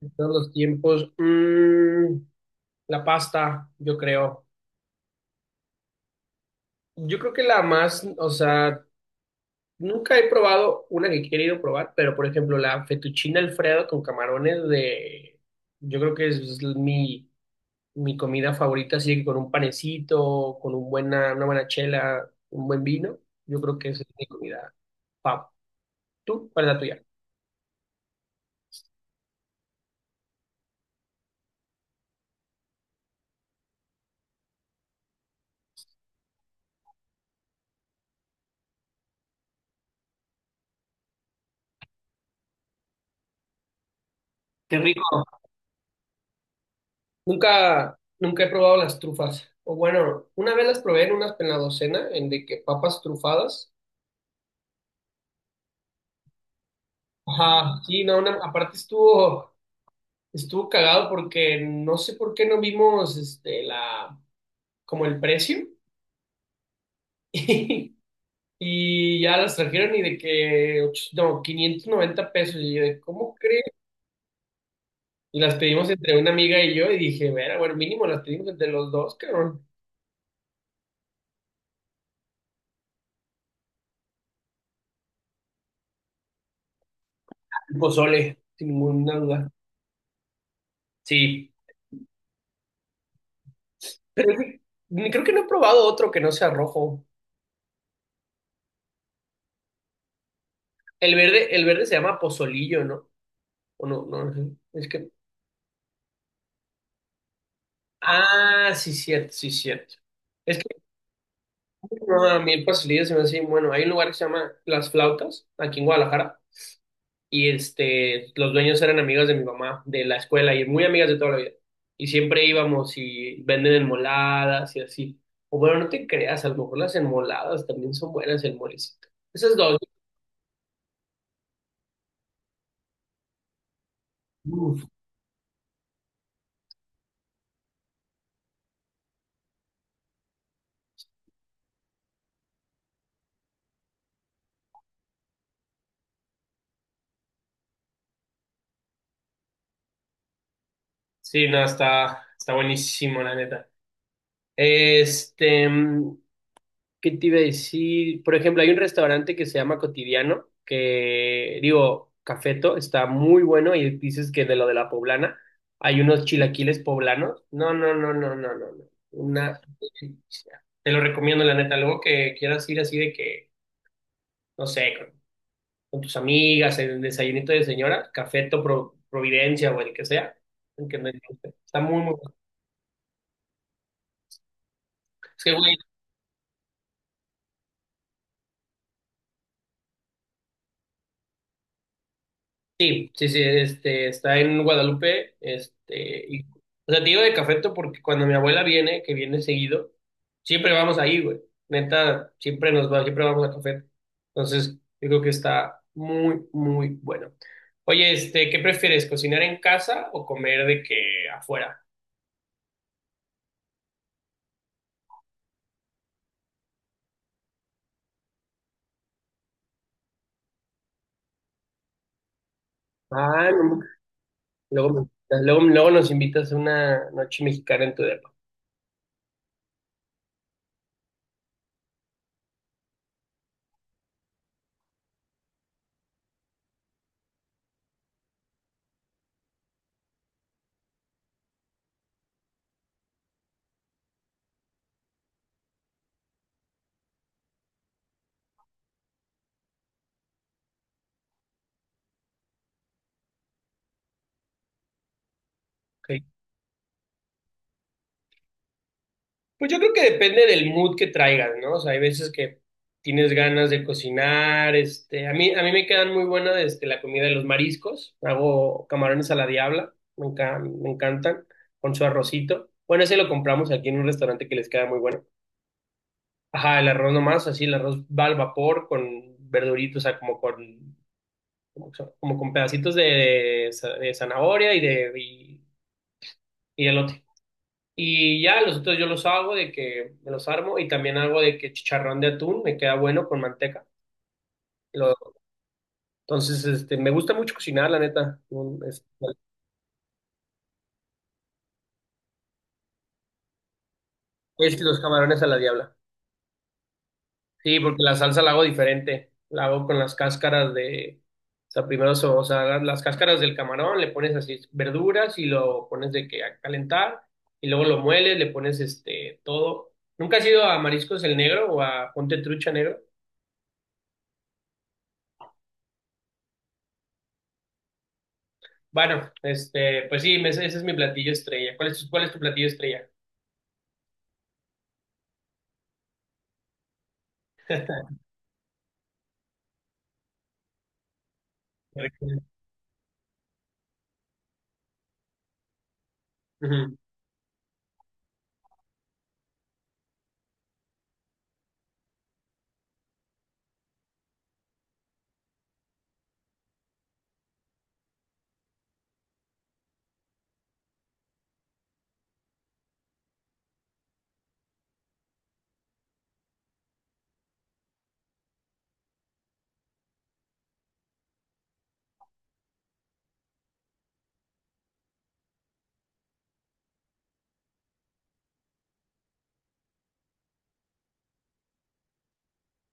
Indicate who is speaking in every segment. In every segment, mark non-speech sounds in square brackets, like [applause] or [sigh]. Speaker 1: De todos los tiempos. La pasta, yo creo. Yo creo que la más, o sea, nunca he probado una que he querido probar, pero por ejemplo, la fettuccine Alfredo con camarones de, yo creo que es mi comida favorita, así que con un panecito, con una buena chela, un buen vino, yo creo que esa es mi comida. Pau, ¿tú? ¿Cuál es la tuya? Qué rico. Nunca, nunca he probado las trufas. O bueno, una vez las probé en unas en la docena, en de que papas trufadas. Ajá, sí, no, aparte estuvo cagado porque no sé por qué no vimos este la como el precio. [laughs] Y ya las trajeron y de que, no, 590 pesos. Y yo de, ¿cómo crees? Y las pedimos entre una amiga y yo y dije, "Vera, bueno, mínimo las pedimos entre los dos, cabrón." El pozole, sin ninguna duda. Sí. Pero es que creo que no he probado otro que no sea rojo. El verde se llama pozolillo, ¿no? O no, no, no, es que. Ah, sí, cierto, sí, cierto. Es que no, a mí el pozolillo se me hace bien bueno. Hay un lugar que se llama Las Flautas, aquí en Guadalajara, y este, los dueños eran amigos de mi mamá, de la escuela, y muy amigas de toda la vida. Y siempre íbamos y venden enmoladas y así. O bueno, no te creas, a lo mejor las enmoladas también son buenas, el molecito. Esas dos. Uf. Sí, no, está buenísimo, la neta. Este, mm, ¿Qué te iba a decir? Por ejemplo, hay un restaurante que se llama Cotidiano, que digo, Cafeto, está muy bueno. Y dices que de lo de la poblana, hay unos chilaquiles poblanos. No, no, no, no, no, no, no. Una delicia. Te lo recomiendo, la neta. Luego que quieras ir así de que, no sé, con tus amigas, en el desayunito de señora, Cafeto Providencia o el que sea, el que existe. Está muy, muy bueno. Es que, güey, sí, sí, sí, está en Guadalupe, y, o sea, te digo de Cafeto porque cuando mi abuela viene, que viene seguido, siempre vamos ahí, güey, neta, siempre nos va, siempre vamos a Cafeto, entonces, yo creo que está muy, muy bueno. Oye, este, ¿qué prefieres, cocinar en casa o comer de que afuera? Ah, no, luego, luego, luego nos invitas a una noche mexicana en tu depa, ¿ok? Pues yo creo que depende del mood que traigas, ¿no? O sea, hay veces que tienes ganas de cocinar, este, a mí me quedan muy buenas, este, la comida de los mariscos, hago camarones a la diabla, me encantan, con su arrocito. Bueno, ese lo compramos aquí en un restaurante que les queda muy bueno. Ajá, el arroz nomás, así, el arroz va al vapor con verduritos, o sea, como, como con pedacitos de zanahoria y elote. Y ya los otros yo los hago de que me los armo y también hago de que chicharrón de atún me queda bueno con manteca. Lo- entonces, este, me gusta mucho cocinar, la neta. Es los camarones a la diabla. Sí, porque la salsa la hago diferente. La hago con las cáscaras de, o sea, primero, o sea, las cáscaras del camarón, le pones así verduras y lo pones de que a calentar y luego lo mueles, le pones este todo. ¿Nunca has ido a Mariscos el Negro o a Ponte Trucha Negro? Bueno, este, pues sí, ese es mi platillo estrella. ¿Cuál es tu platillo estrella? Ujú.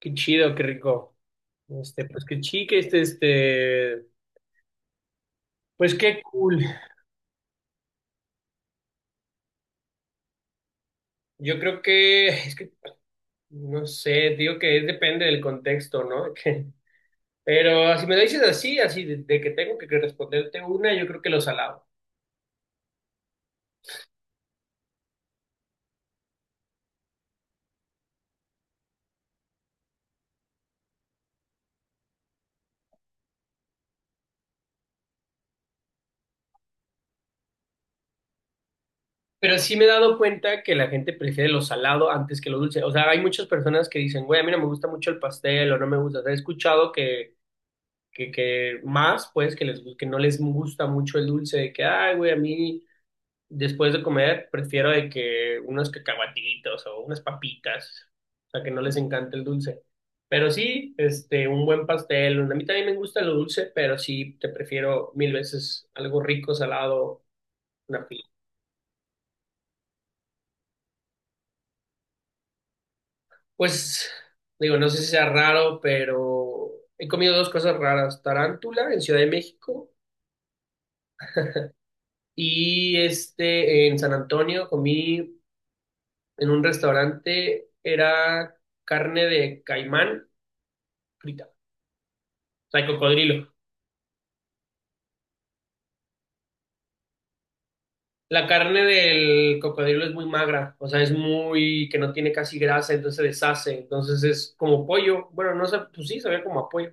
Speaker 1: Qué chido, qué rico. Pues qué chique, pues qué cool. Yo creo que, es que, no sé, digo que depende del contexto, ¿no? [laughs] Que pero si me lo dices así, así, de que tengo que responderte una, yo creo que lo salado. Pero sí me he dado cuenta que la gente prefiere lo salado antes que lo dulce. O sea, hay muchas personas que dicen, güey, a mí no me gusta mucho el pastel o no me gusta. O sea, he escuchado que que más, pues, que no les gusta mucho el dulce, de que, ay, güey, a mí después de comer prefiero de que unos cacahuatitos o unas papitas, o sea, que no les encanta el dulce. Pero sí, este, un buen pastel, a mí también me gusta lo dulce, pero sí, te prefiero mil veces algo rico, salado, una pizza. Pues, digo, no sé si sea raro, pero he comido dos cosas raras, tarántula en Ciudad de México y este, en San Antonio comí en un restaurante era carne de caimán frita, o sea, de cocodrilo. La carne del cocodrilo es muy magra, o sea, es muy, que no tiene casi grasa, entonces se deshace, entonces es como pollo, bueno, no sé, pues sí, sabía como a pollo,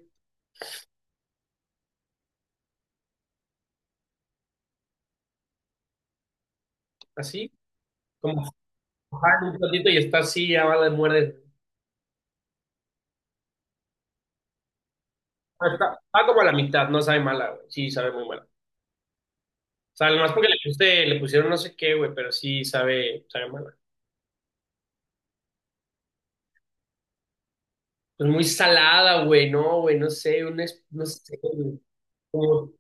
Speaker 1: así, como mojada en un platito y está así, ya va, la muerde. Ah, está como a la mitad, no sabe mala, güey, sí, sabe muy mala. O sea, nomás porque le pusieron no sé qué, güey, pero sí sabe, sabe mala. Pues muy salada, güey, no sé, una, no sé, güey. Como,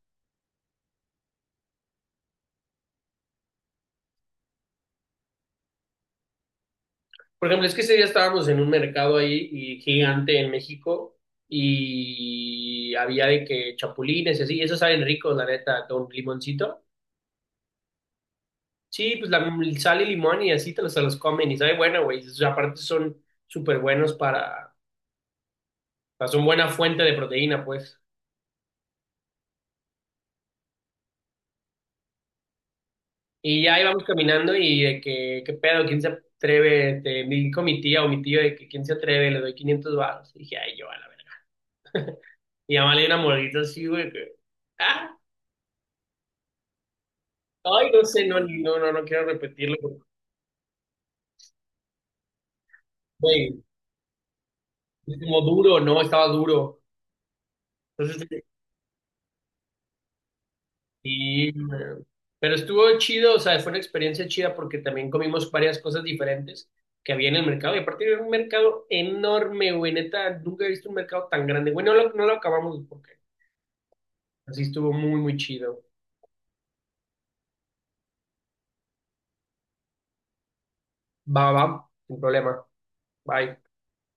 Speaker 1: por ejemplo, es que ese día estábamos en un mercado ahí y gigante en México y había de que chapulines y así, y esos saben ricos, la neta, con limoncito. Sí, pues la sal y limón y así te los, se los comen y sabe bueno, güey. O sea, aparte son súper buenos para, o sea, son buena fuente de proteína, pues. Y ya íbamos caminando y de que, qué pedo, quién se atreve, te, me dijo mi tía o mi tío de que quién se atreve, le doy 500 baros. Y dije, ay, yo a la verga. Y ya le di una mordita así, güey, que, ah, ay, no sé, no, no, no, no quiero repetirlo. Güey, es como duro, no, estaba duro. Entonces, sí, man. Pero estuvo chido, o sea, fue una experiencia chida porque también comimos varias cosas diferentes que había en el mercado. Y aparte era un mercado enorme, güey, neta, nunca he visto un mercado tan grande. Bueno, no lo acabamos porque así estuvo muy, muy chido. Va, va, sin problema. Bye.